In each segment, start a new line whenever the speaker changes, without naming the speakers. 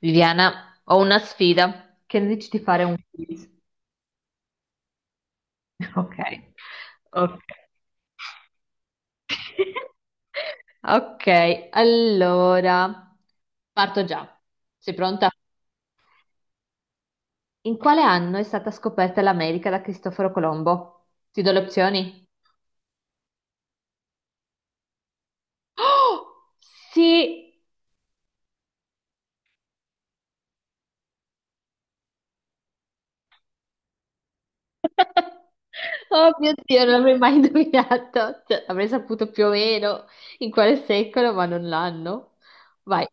Viviana, ho una sfida. Che ne dici di fare un quiz? Ok, ok. Ok, allora parto già. Sei pronta? In quale anno è stata scoperta l'America da Cristoforo Colombo? Ti do le opzioni? Oh, sì! Oh mio Dio, non l'avrei mai indovinato. Cioè, avrei saputo più o meno in quale secolo, ma non l'anno. Vai.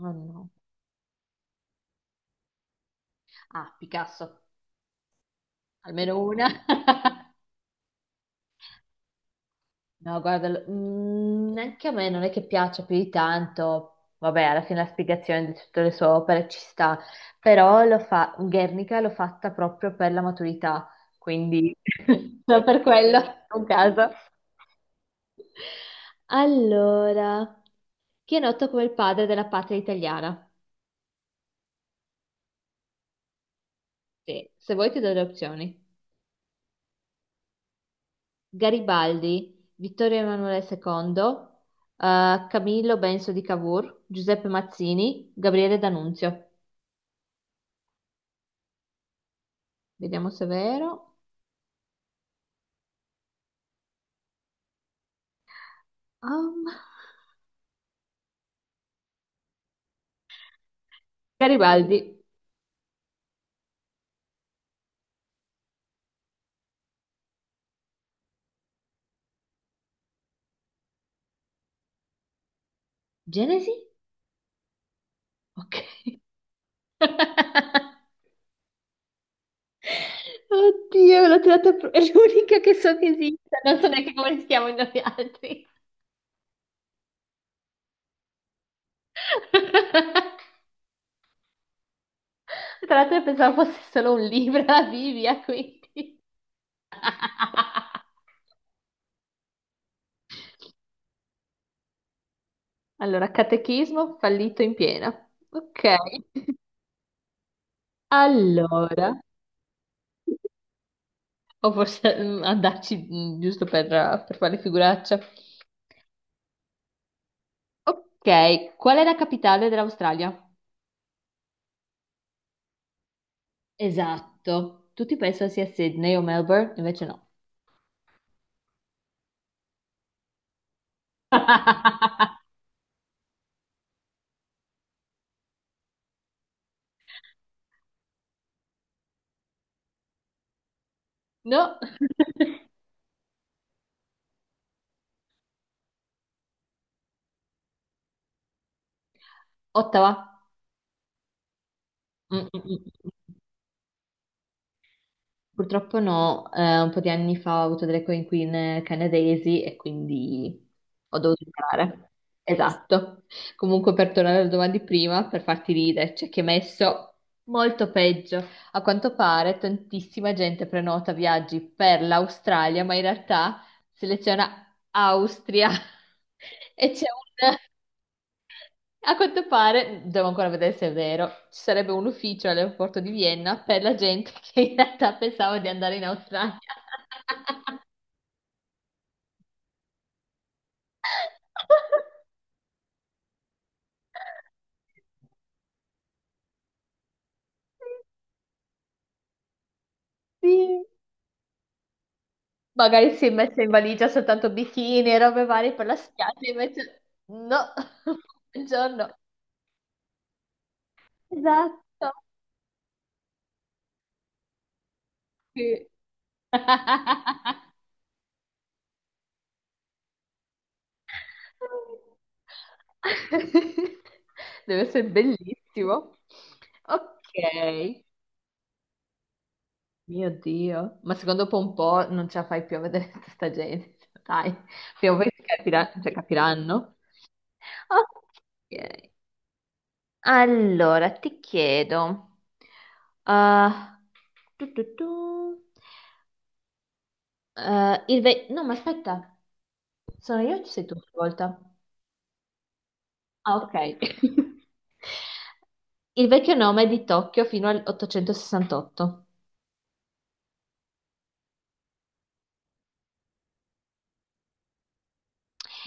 Oh no. Ah, Picasso. Almeno una. No, guarda, anche a me non è che piaccia più di tanto. Vabbè, alla fine la spiegazione di tutte le sue opere ci sta, però lo fa, Guernica l'ho fatta proprio per la maturità, quindi solo per quello, un caso. Allora, chi è noto come il padre della patria italiana? Sì, se vuoi ti do le opzioni. Garibaldi, Vittorio Emanuele II, Camillo Benso di Cavour, Giuseppe Mazzini, Gabriele D'Annunzio. Vediamo se è vero. Um, Garibaldi. Genesi? Ok. Oddio, è l'unica che so che esista, non so neanche come si chiamano gli altri. Tra l'altro pensavo fosse solo un libro, la Bibbia, quindi. Allora, catechismo fallito in piena. Ok. Allora, o forse andarci giusto per, fare figuraccia. Ok, qual è la capitale dell'Australia? Esatto. Tutti pensano sia Sydney o Melbourne, invece no. No. Ottawa. Mm, mm, mm. Purtroppo no, un po' di anni fa ho avuto delle coinquiline canadesi e quindi ho dovuto imparare. Esatto. Comunque per tornare alla domanda di prima, per farti ridere, c'è chi ha messo molto peggio. A quanto pare tantissima gente prenota viaggi per l'Australia, ma in realtà seleziona Austria e c'è un a quanto pare, devo ancora vedere se è vero, ci sarebbe un ufficio all'aeroporto di Vienna per la gente che in realtà pensava di andare in Australia. Sì. Magari si è messa in valigia soltanto bikini e robe varie per la spiaggia, invece no, buongiorno. Esatto. Sì. Deve essere bellissimo. Ok. Mio Dio, ma secondo dopo un po' non ce la fai più a vedere tutta sta gente, cioè, dai, prima o poi si cioè, capiranno. Ok, allora ti chiedo, ah, tu, tu, tu, no ma aspetta, sono io o ci sei tu questa volta? Ah, ok, il vecchio nome di Tokyo fino al 868,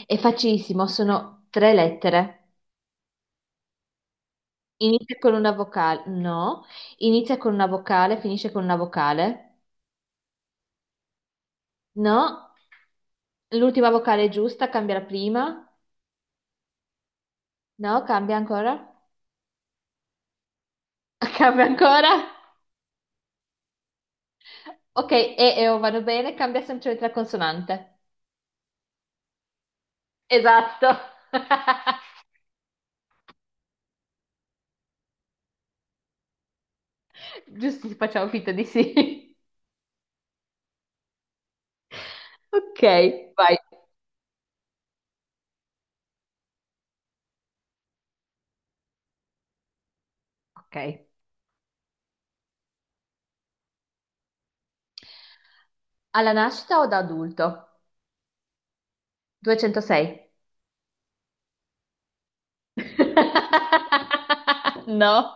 è facilissimo, sono tre lettere. Inizia con una vocale, no. Inizia con una vocale, finisce con una vocale, no. L'ultima vocale è giusta, cambia la prima, no, cambia ancora, cambia ancora. Ok, E e O vanno bene, cambia semplicemente la consonante. Esatto. Giusto, facciamo finta di sì. Ok, vai. Ok. Alla nascita o da adulto? 206. No,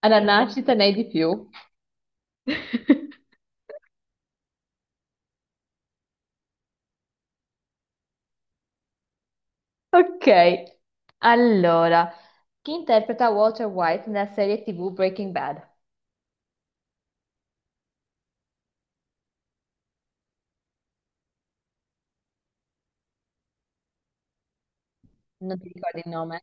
alla nascita ne hai di più. Ok, allora, chi interpreta Walter White nella serie TV Breaking Bad? Non ti ricordi il nome?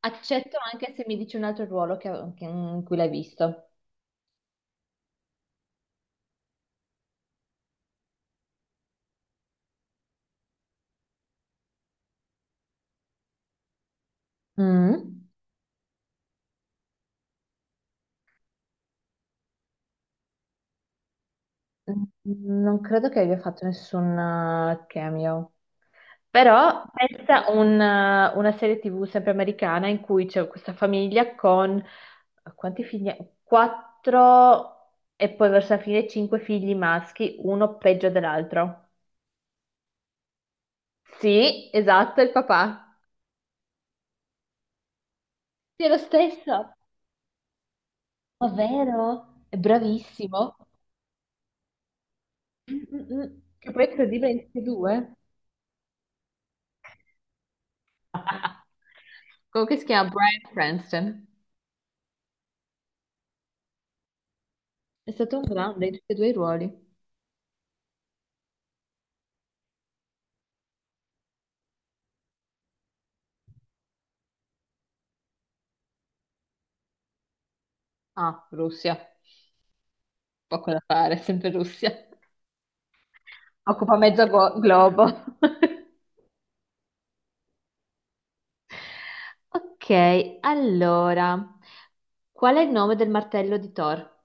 Accetto anche se mi dici un altro ruolo in cui l'hai visto. Mm. Mm, Non credo che abbia fatto nessun cameo. Però pensa a una serie TV sempre americana in cui c'è questa famiglia con quanti figli? Quattro e poi verso la fine cinque figli maschi, uno peggio dell'altro. Sì, esatto, è il papà. Sì, è lo stesso. Ma vero? È bravissimo. Mm, mm, mm. Che poi è credibile in tutti e due. Comunque si chiama Bryan Cranston. È stato un grande in tutti e due i ruoli. Ah, Russia. Poco da fare, sempre Russia. Occupa mezzo globo. Ok, allora, qual è il nome del martello di Thor?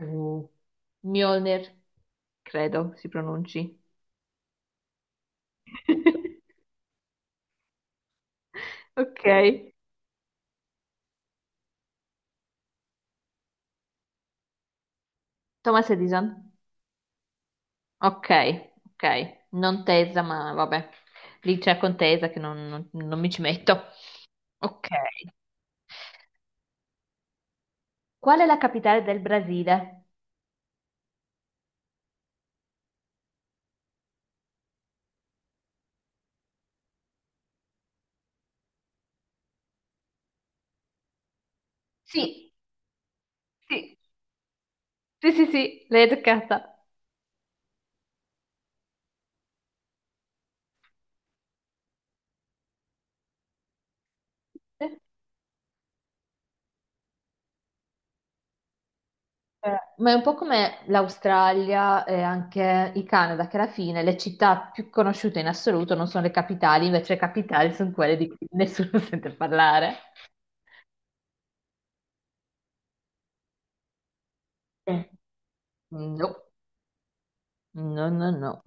Mm. Mjolnir, credo si pronunci. Ok. Thomas Edison. Ok, ok. Non tesa, ma vabbè. Lì c'è contesa che non mi ci metto. Ok. Qual è la capitale del Brasile? Sì, sì, sì, sì, sì, l'hai toccata. Ma è un po' come l'Australia e anche il Canada, che alla fine le città più conosciute in assoluto non sono le capitali, invece le capitali sono quelle di cui nessuno sente parlare. Eh, No, no, no, no.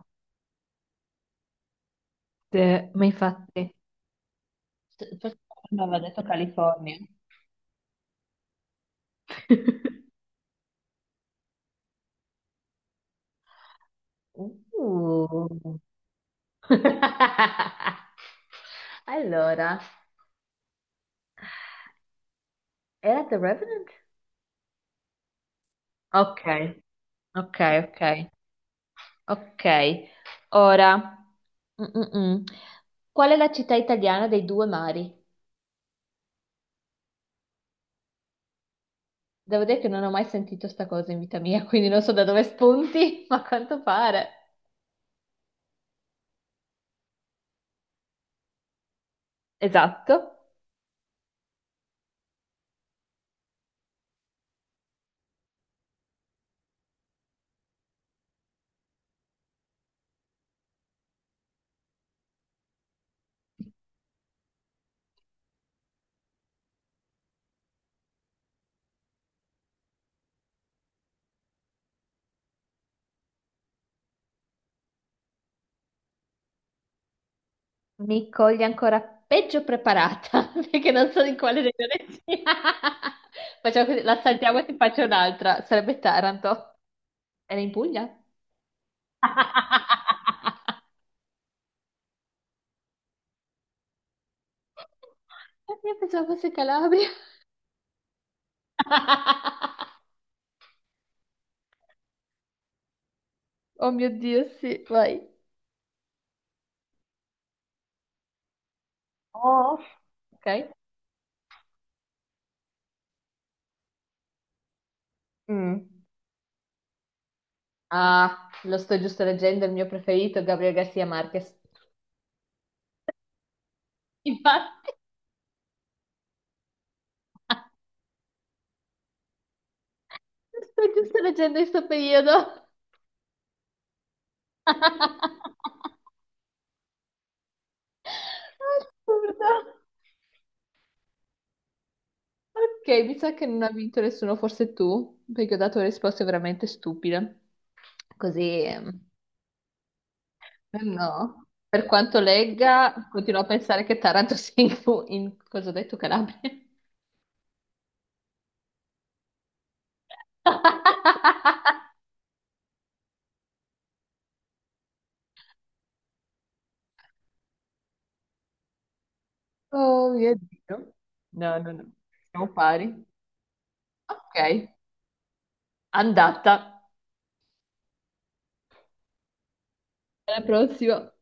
Ma infatti, forse mi aveva detto California. Uh. Allora, era The Revenant? Ok, ok, ok. Ok, ora. mm, mm, mm. Qual è la città italiana dei due mari? Devo dire che non ho mai sentito sta cosa in vita mia, quindi non so da dove spunti, ma a quanto pare. Esatto. Mi coglie ancora peggio preparata, perché non so di quale regione sia. Facciamo così, la saltiamo e ti faccio un'altra. Sarebbe Taranto. Era in Puglia? Io pensavo fosse Calabria. Oh mio Dio, sì, vai. Oh, ok. Mm. Ah, lo sto giusto leggendo, il mio preferito, Gabriel Garcia Marquez. Infatti, lo sto giusto leggendo in questo periodo. Assurdo. Ok, mi sa che non ha vinto nessuno, forse tu, perché ho dato risposte veramente stupide. Così, no. Per quanto legga, continuo a pensare che Taranto sia in cosa ho detto, Calabria. Oh mio Dio. No, no, no. Siamo pari. Ok, andata. Alla prossima.